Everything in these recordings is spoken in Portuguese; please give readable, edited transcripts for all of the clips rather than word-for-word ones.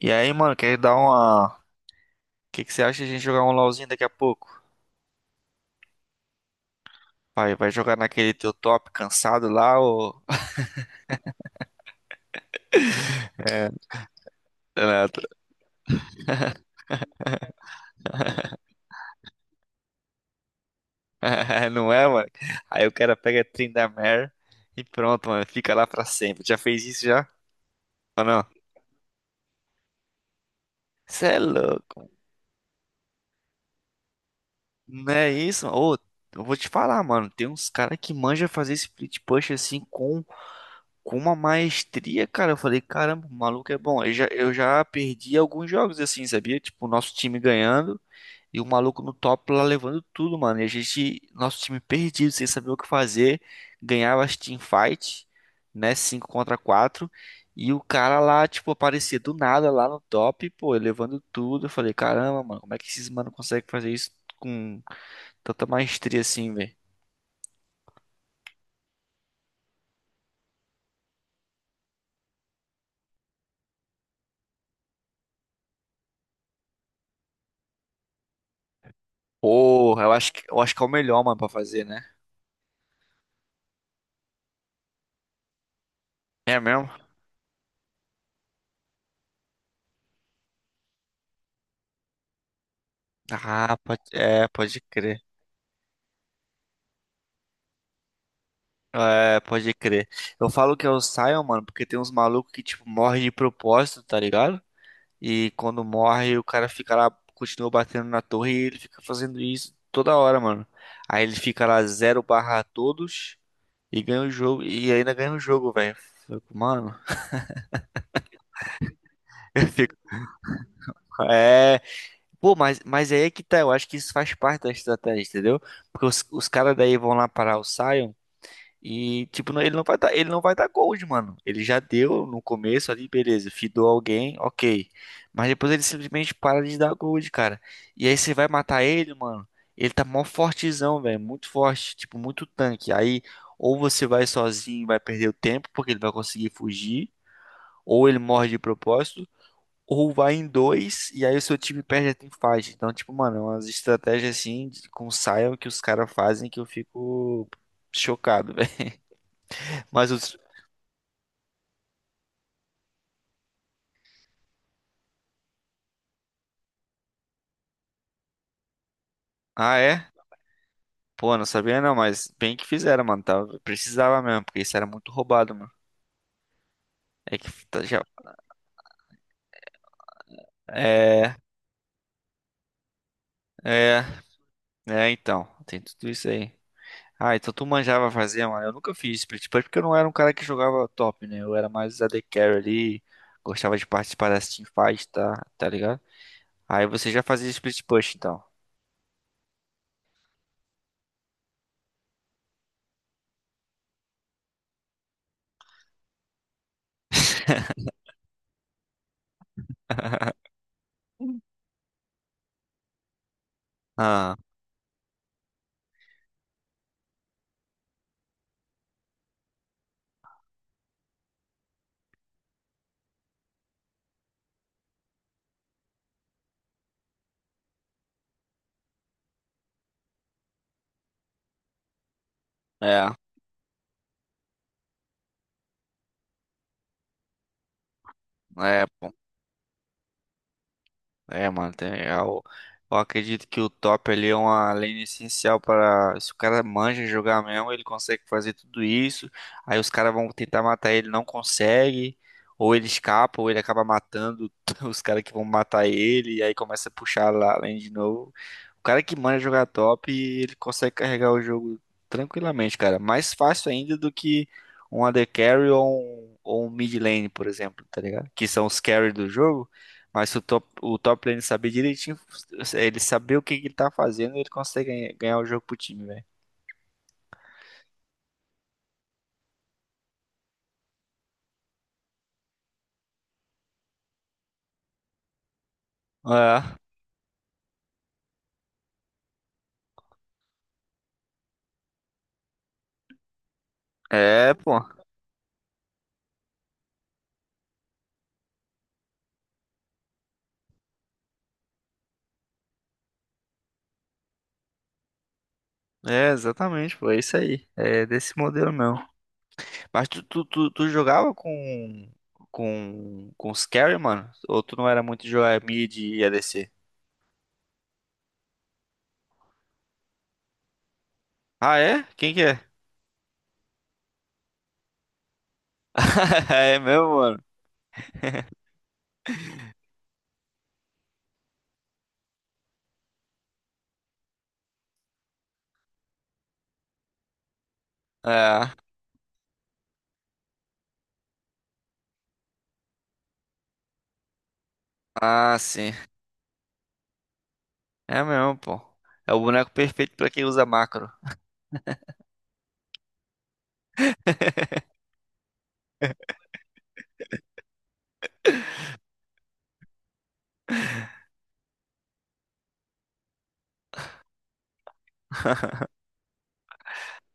E aí, mano, quer dar uma. O que que você acha de a gente jogar um LOLzinho daqui a pouco? Vai, vai jogar naquele teu top cansado lá, ou. Não é, mano? Aí o cara pega Tryndamere e pronto, mano, fica lá pra sempre. Já fez isso já? Ou não? Você é louco. Não é isso, mano? Ô, eu vou te falar, mano, tem uns caras que manja fazer split push assim com. Com uma maestria, cara, eu falei, caramba, o maluco é bom. Eu já perdi alguns jogos assim, sabia? Tipo, o nosso time ganhando. E o maluco no top lá levando tudo, mano. E a gente, nosso time perdido, sem saber o que fazer. Ganhava as teamfight, né? Cinco contra quatro. E o cara lá, tipo, aparecia do nada lá no top, pô, levando tudo. Eu falei, caramba, mano, como é que esses mano conseguem fazer isso com tanta maestria assim, velho? Porra, eu acho que é o melhor, mano, pra fazer, né? É mesmo? Ah, pode, é, pode crer. É, pode crer. Eu falo que é o Sion, mano, porque tem uns malucos que, tipo, morrem de propósito, tá ligado? E quando morre, o cara fica lá, continua batendo na torre e ele fica fazendo isso toda hora, mano. Aí ele fica lá zero barra todos e ganha o jogo. E ainda ganha o jogo, velho. Eu fico, mano, eu fico. É. Pô, mas aí é que tá. Eu acho que isso faz parte da estratégia, entendeu? Porque os caras daí vão lá parar o Sion. E, tipo, não- ele não vai dar gold, mano. Ele já deu no começo ali, beleza, fidou alguém, ok. Mas depois ele simplesmente para de dar gold, cara. E aí você vai matar ele, mano. Ele tá mó fortezão, velho. Muito forte, tipo, muito tanque. Aí, ou você vai sozinho e vai perder o tempo, porque ele vai conseguir fugir. Ou ele morre de propósito. Ou vai em dois, e aí o seu time perde a teamfight. Então, tipo, mano, é umas estratégias assim, de- com Sion que os caras fazem que eu fico chocado, velho. Mas os. Ah, é? Pô, não sabia não, mas bem que fizeram, mano. Tava, precisava mesmo, porque isso era muito roubado, mano. É que tá já. É, é, então. Tem tudo isso aí. Ah, então tu manjava fazer, mano. Eu nunca fiz split push porque eu não era um cara que jogava top, né? Eu era mais AD carry ali. Gostava de participar das teamfights, tá? Tá ligado? Aí você já fazia split push, então. Ah, é. É, pô. É, mano, tem, eu acredito que o top ali é uma lane essencial para se o cara manja jogar mesmo, ele consegue fazer tudo isso. Aí os caras vão tentar matar ele, não consegue, ou ele escapa, ou ele acaba matando os caras que vão matar ele, e aí começa a puxar lá a lane de novo. O cara que manja jogar top, ele consegue carregar o jogo tranquilamente, cara. Mais fácil ainda do que um AD carry ou um mid lane, por exemplo, tá ligado? Que são os carry do jogo. Mas se o top, o top lane saber direitinho, ele saber o que que ele tá fazendo, ele consegue ganha- ganhar o jogo pro time, velho. É, é, pô. É, exatamente, pô. É isso aí. É desse modelo mesmo. Mas tu jogava com, com os carry, mano? Ou tu não era muito de jogar mid e ADC? Ah, é? Quem que é? É mesmo, mano. É. Ah, sim. É mesmo, pô. É o boneco perfeito pra quem usa macro.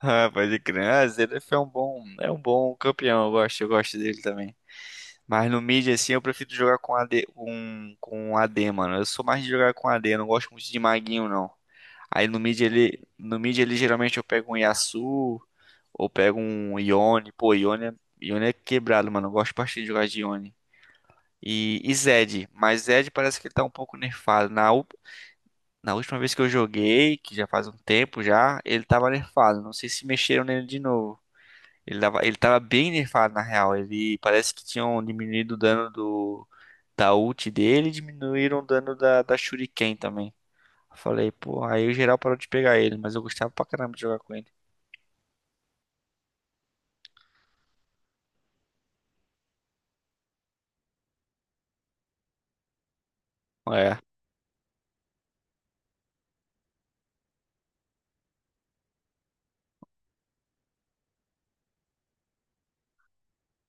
Ah, pode crer. Ah, Zverev é um bom campeão. Eu gosto dele também. Mas no mid, assim, eu prefiro jogar com AD, com AD, mano. Eu sou mais de jogar com AD, eu não gosto muito de maguinho, não. Aí no mid, ele, no mid, ele geralmente eu pego um Yasuo, ou pego um Yone. Pô, Yone é quebrado, mano. Eu gosto bastante de jogar de Yone. E Zed, mas Zed parece que ele tá um pouco nerfado. Na, u- na última vez que eu joguei, que já faz um tempo já, ele tava nerfado. Não sei se mexeram nele de novo. Ele tava bem nerfado, na real. Ele parece que tinham diminuído o dano do, da ult dele e diminuíram o dano da, da Shuriken também. Eu falei, pô, aí o geral parou de pegar ele, mas eu gostava pra caramba de jogar com ele. É,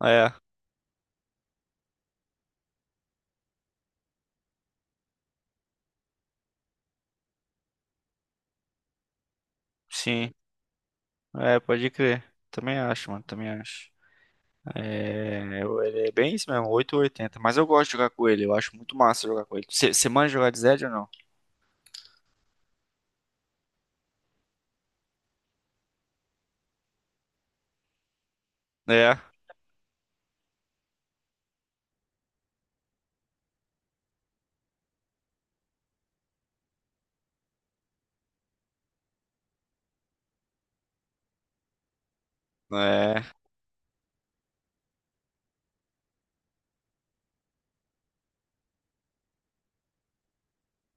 é, sim, é, pode crer. Também acho, mano, também acho. É, eu- ele é bem isso mesmo, oito ou oitenta. Mas eu gosto de jogar com ele, eu acho muito massa jogar com ele. Você manja jogar de Zed ou não? É, é,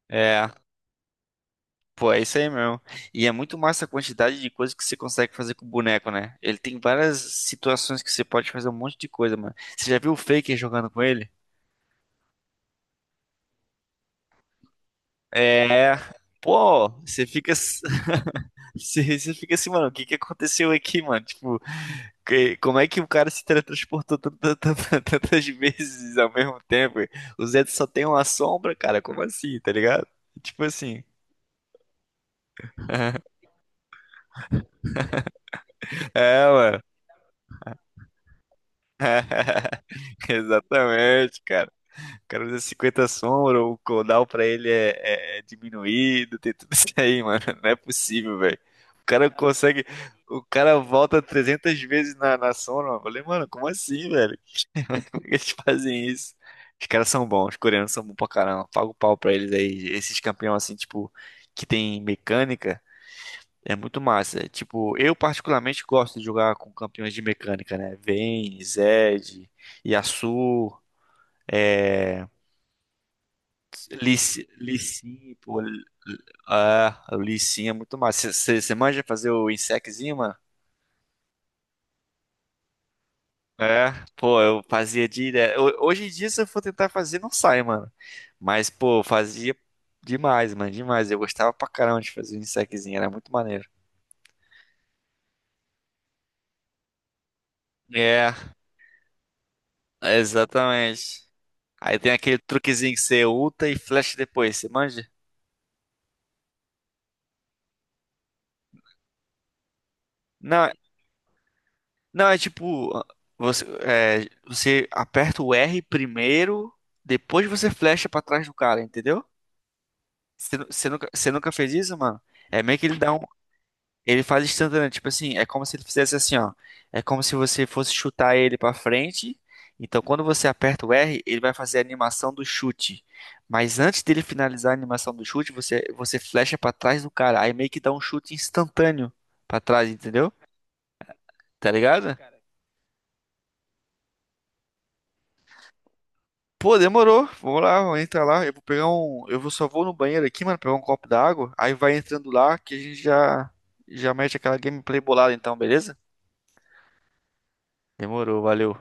é. Pô, é isso aí mesmo. E é muito massa a quantidade de coisas que você consegue fazer com o boneco, né? Ele tem várias situações que você pode fazer um monte de coisa, mano. Você já viu o Faker jogando com ele? É. Pô, você fica. Você fica assim, mano, o que que aconteceu aqui, mano? Tipo, que- como é que o cara se teletransportou tantas vezes ao mesmo tempo? O Zed só tem uma sombra, cara, como assim, tá ligado? Tipo assim. É, mano. Exatamente, cara. Cara usa 50 sombra, o cooldown pra ele é, é- é diminuído, tem tudo isso aí, mano. Não é possível, velho. O cara consegue. O cara volta 300 vezes na, na sombra, mano. Eu falei, mano, como assim, velho? Como é que eles fazem isso? Os caras são bons, os coreanos são bons pra caramba. Paga o pau pra eles aí. Esses campeões, assim, tipo, que tem mecânica, é muito massa. Tipo, eu particularmente gosto de jogar com campeões de mecânica, né? Vayne, Zed, Yasuo. É, lici, Lissi, pô. Li- ah, o Lissinha é muito massa. Você manja fazer o insecozinho, mano? É, pô, eu fazia direto. Ho- hoje em dia, se eu for tentar fazer, não sai, mano. Mas, pô, eu fazia demais, mano, demais. Eu gostava pra caramba de fazer o insecozinho, era muito maneiro. É, exatamente. Aí tem aquele truquezinho que você ulta e flecha depois, você manja? Não, não, é tipo, você, é, você aperta o R primeiro, depois você flecha pra trás do cara, entendeu? Você, nu- você nunca fez isso, mano? É meio que ele dá um. Ele faz instantâneo, tipo assim, é como se ele fizesse assim, ó. É como se você fosse chutar ele pra frente. Então, quando você aperta o R, ele vai fazer a animação do chute. Mas antes dele finalizar a animação do chute, você flecha pra trás do cara. Aí meio que dá um chute instantâneo pra trás, entendeu? Tá ligado? Pô, demorou. Vamos lá, vamos entrar lá. Eu vou pegar um. Eu vou só vou no banheiro aqui, mano, pegar um copo d'água. Aí vai entrando lá que a gente já mete aquela gameplay bolada então, beleza? Demorou, valeu.